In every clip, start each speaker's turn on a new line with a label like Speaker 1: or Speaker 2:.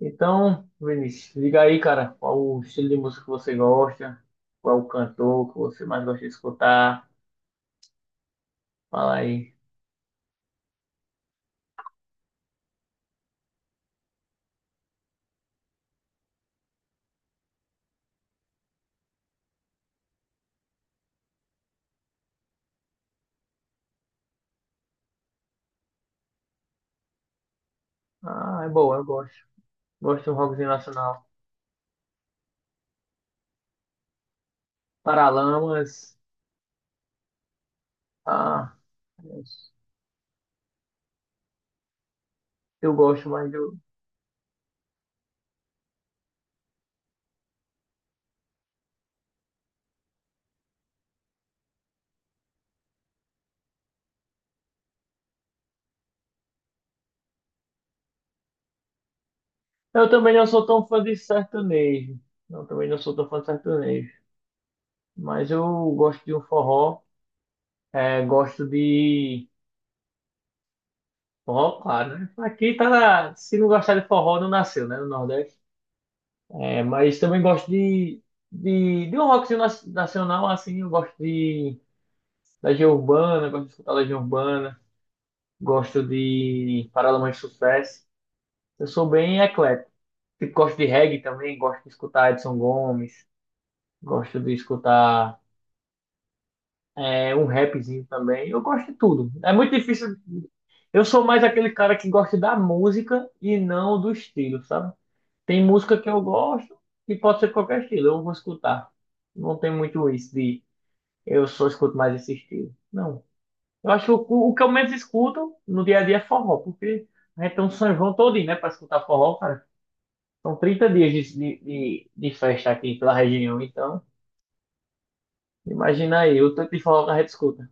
Speaker 1: Então, Vinícius, diga aí, cara, qual o estilo de música que você gosta, qual o cantor que você mais gosta de escutar, fala aí. Ah, é boa, eu gosto. Gosto de um rockzinho nacional. Paralamas, ah, eu gosto mais do. Eu também não sou tão fã de sertanejo, eu também não sou tão fã de sertanejo, mas eu gosto de um forró, é, gosto de. Forró, claro, né? Aqui tá na. Se não gostar de forró, não nasceu, né, no Nordeste. É, mas também gosto de, de um rockzinho nacional, assim, eu gosto de Legião Urbana, gosto de escutar Legião Urbana, gosto de Paralamas de Sucesso. Eu sou bem eclético. Tipo, gosto de reggae também, gosto de escutar Edson Gomes, gosto de escutar um rapzinho também. Eu gosto de tudo. É muito difícil. Eu sou mais aquele cara que gosta da música e não do estilo, sabe? Tem música que eu gosto e pode ser qualquer estilo, eu vou escutar. Não tem muito isso de eu só escuto mais esse estilo. Não. Eu acho que o que eu menos escuto no dia a dia é forró, porque a gente tem um São João todinho, né, pra escutar forró, cara. São 30 dias de festa aqui pela região, então imagina aí o tanto de forró que a gente escuta.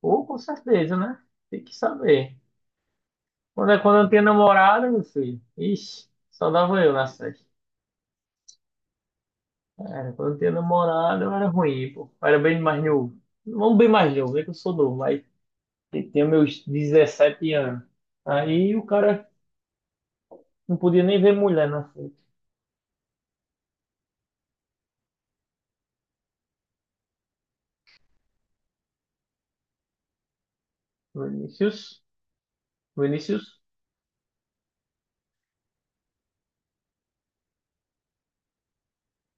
Speaker 1: Ou com certeza, né? Tem que saber. Quando eu não tinha namorada, meu filho, ixi, só dava eu na festa. Era quando eu não tinha namorada, eu era ruim, pô. Eu era bem mais novo. Não bem mais novo, é que eu sou novo, mas eu tinha meus 17 anos. Aí o cara não podia nem ver mulher na frente. Vinícius, Vinícius,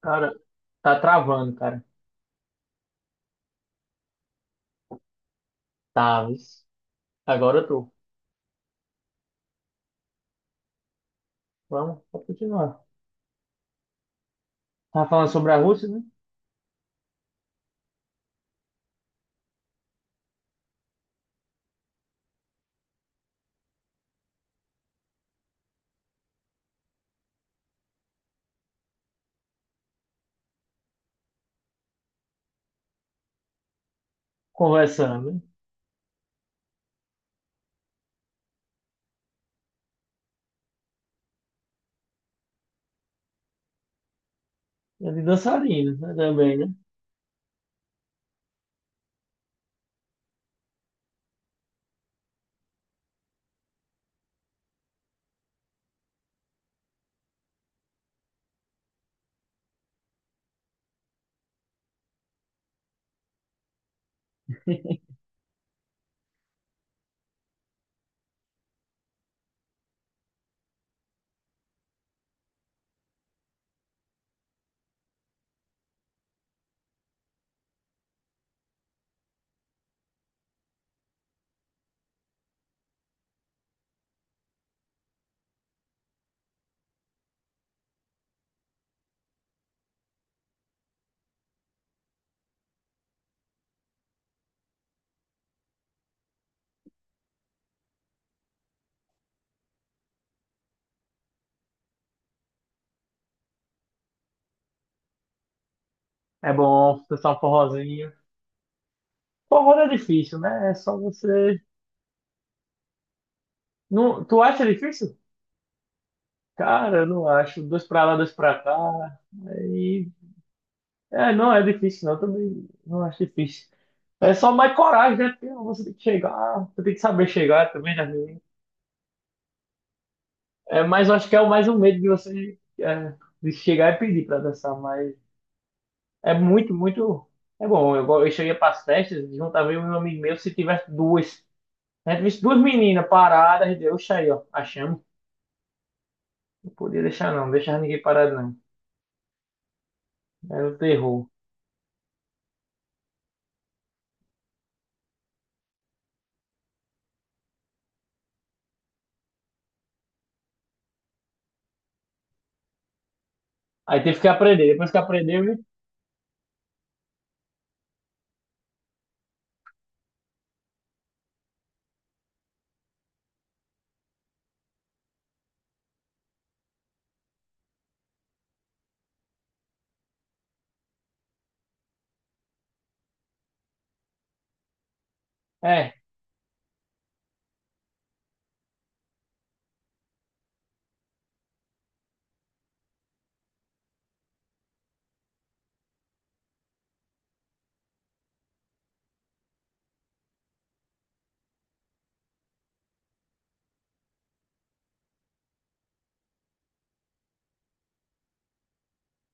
Speaker 1: cara, tá travando, cara. Tá, isso. Agora eu tô. Vamos, pode continuar. Tava falando sobre a Rússia, né? Conversando, né? É de dançarino, né? Também, né? É bom dançar um forrozinho. Forró não é difícil, né? É só você. Não, tu acha difícil? Cara, eu não acho. Dois pra lá, dois pra cá. Aí é, não é difícil, não. Eu também não acho difícil. É só mais coragem, né? Porque ah, você tem que chegar, você tem que saber chegar também, né? É, mas eu acho que é o mais um medo de você é, de chegar e pedir pra dançar. Mas é muito, muito. É bom. Eu cheguei pras festas, juntava eu e um amigo meu, se tivesse duas. A gente visse duas meninas paradas, a gente, oxa aí, ó, achamos. Não podia deixar, não, não deixava ninguém parado, não. Era um terror. Aí teve que aprender. Depois que aprendeu, né? é,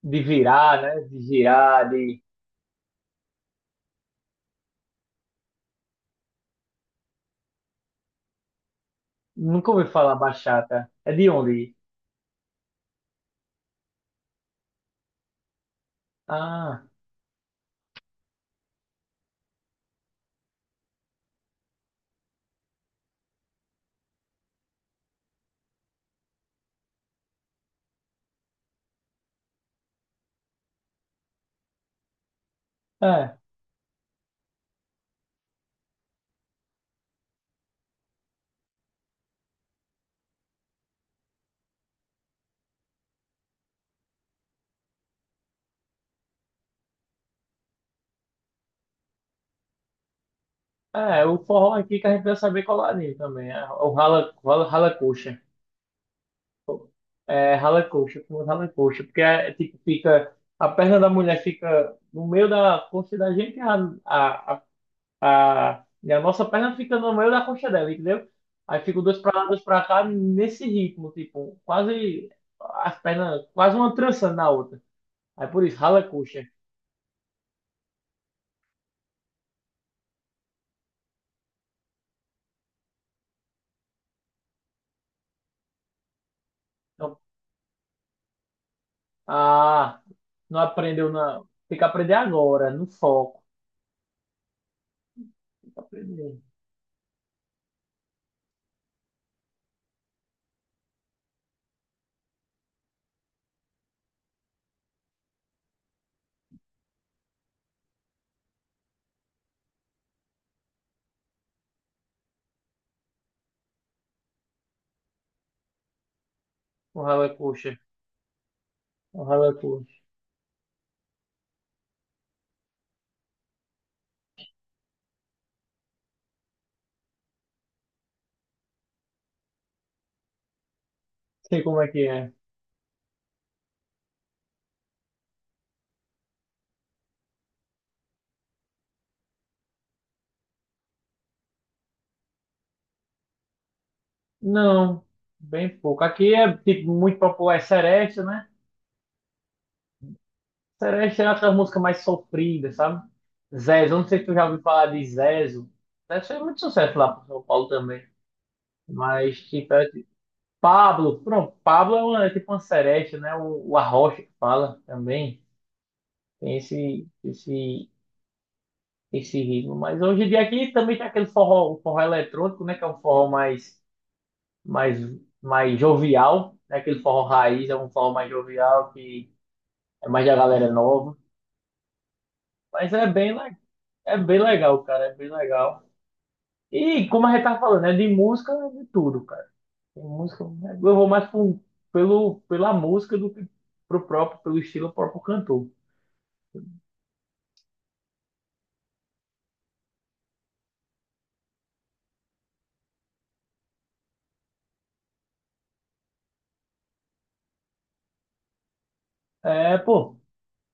Speaker 1: de virar, né? De girar, de. Nunca ouvi falar bachata. É de onde? Ah, é. É, o forró aqui que a gente vai saber colorinho também. É o rala, rala, rala coxa. É rala coxa, como rala coxa. Porque é tipo, fica. A perna da mulher fica no meio da coxa da gente e a, a nossa perna fica no meio da coxa dela, entendeu? Aí fica dois pra lá, dois pra cá, nesse ritmo, tipo, quase as pernas, quase uma trançando na outra. Aí por isso, rala coxa. Então, ah, não aprendeu não. Tem que aprender agora, no foco. Tem que aprender. O ralo é coxa. O ralo é coxa. Sei como é que é. Não, bem pouco. Aqui é tipo muito popular é Seresta, né? Seresta é aquela música mais sofrida, sabe? Zezo, eu não sei se tu já ouviu falar de Zezo. Zezo fez muito sucesso lá pro São Paulo também. Mas tipo Pablo, pronto, Pablo é tipo uma Seresta, né? O Arrocha que fala também. Tem esse ritmo. Mas hoje em dia aqui também tem aquele forró, o forró eletrônico, né? Que é um forró mais, mais jovial, né? Aquele forró raiz, é um forró mais jovial, que é mais da galera nova. Mas é bem legal, cara, é bem legal. E como a gente tá falando, é de música de tudo, cara. Tem música, eu vou mais pela música do que pro próprio, pelo estilo próprio cantor. É, pô,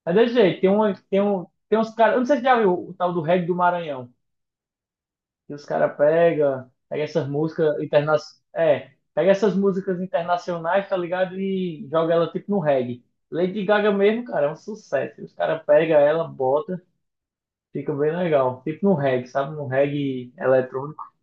Speaker 1: é desse jeito. Tem, uma, tem, um, tem uns caras, eu não sei se já viu o tal do reggae do Maranhão. E os caras pega essas músicas internacionais, tá ligado? E joga ela tipo no reggae. Lady Gaga mesmo, cara, é um sucesso. Os caras pega ela, bota, fica bem legal. Tipo no reggae, sabe? No reggae eletrônico.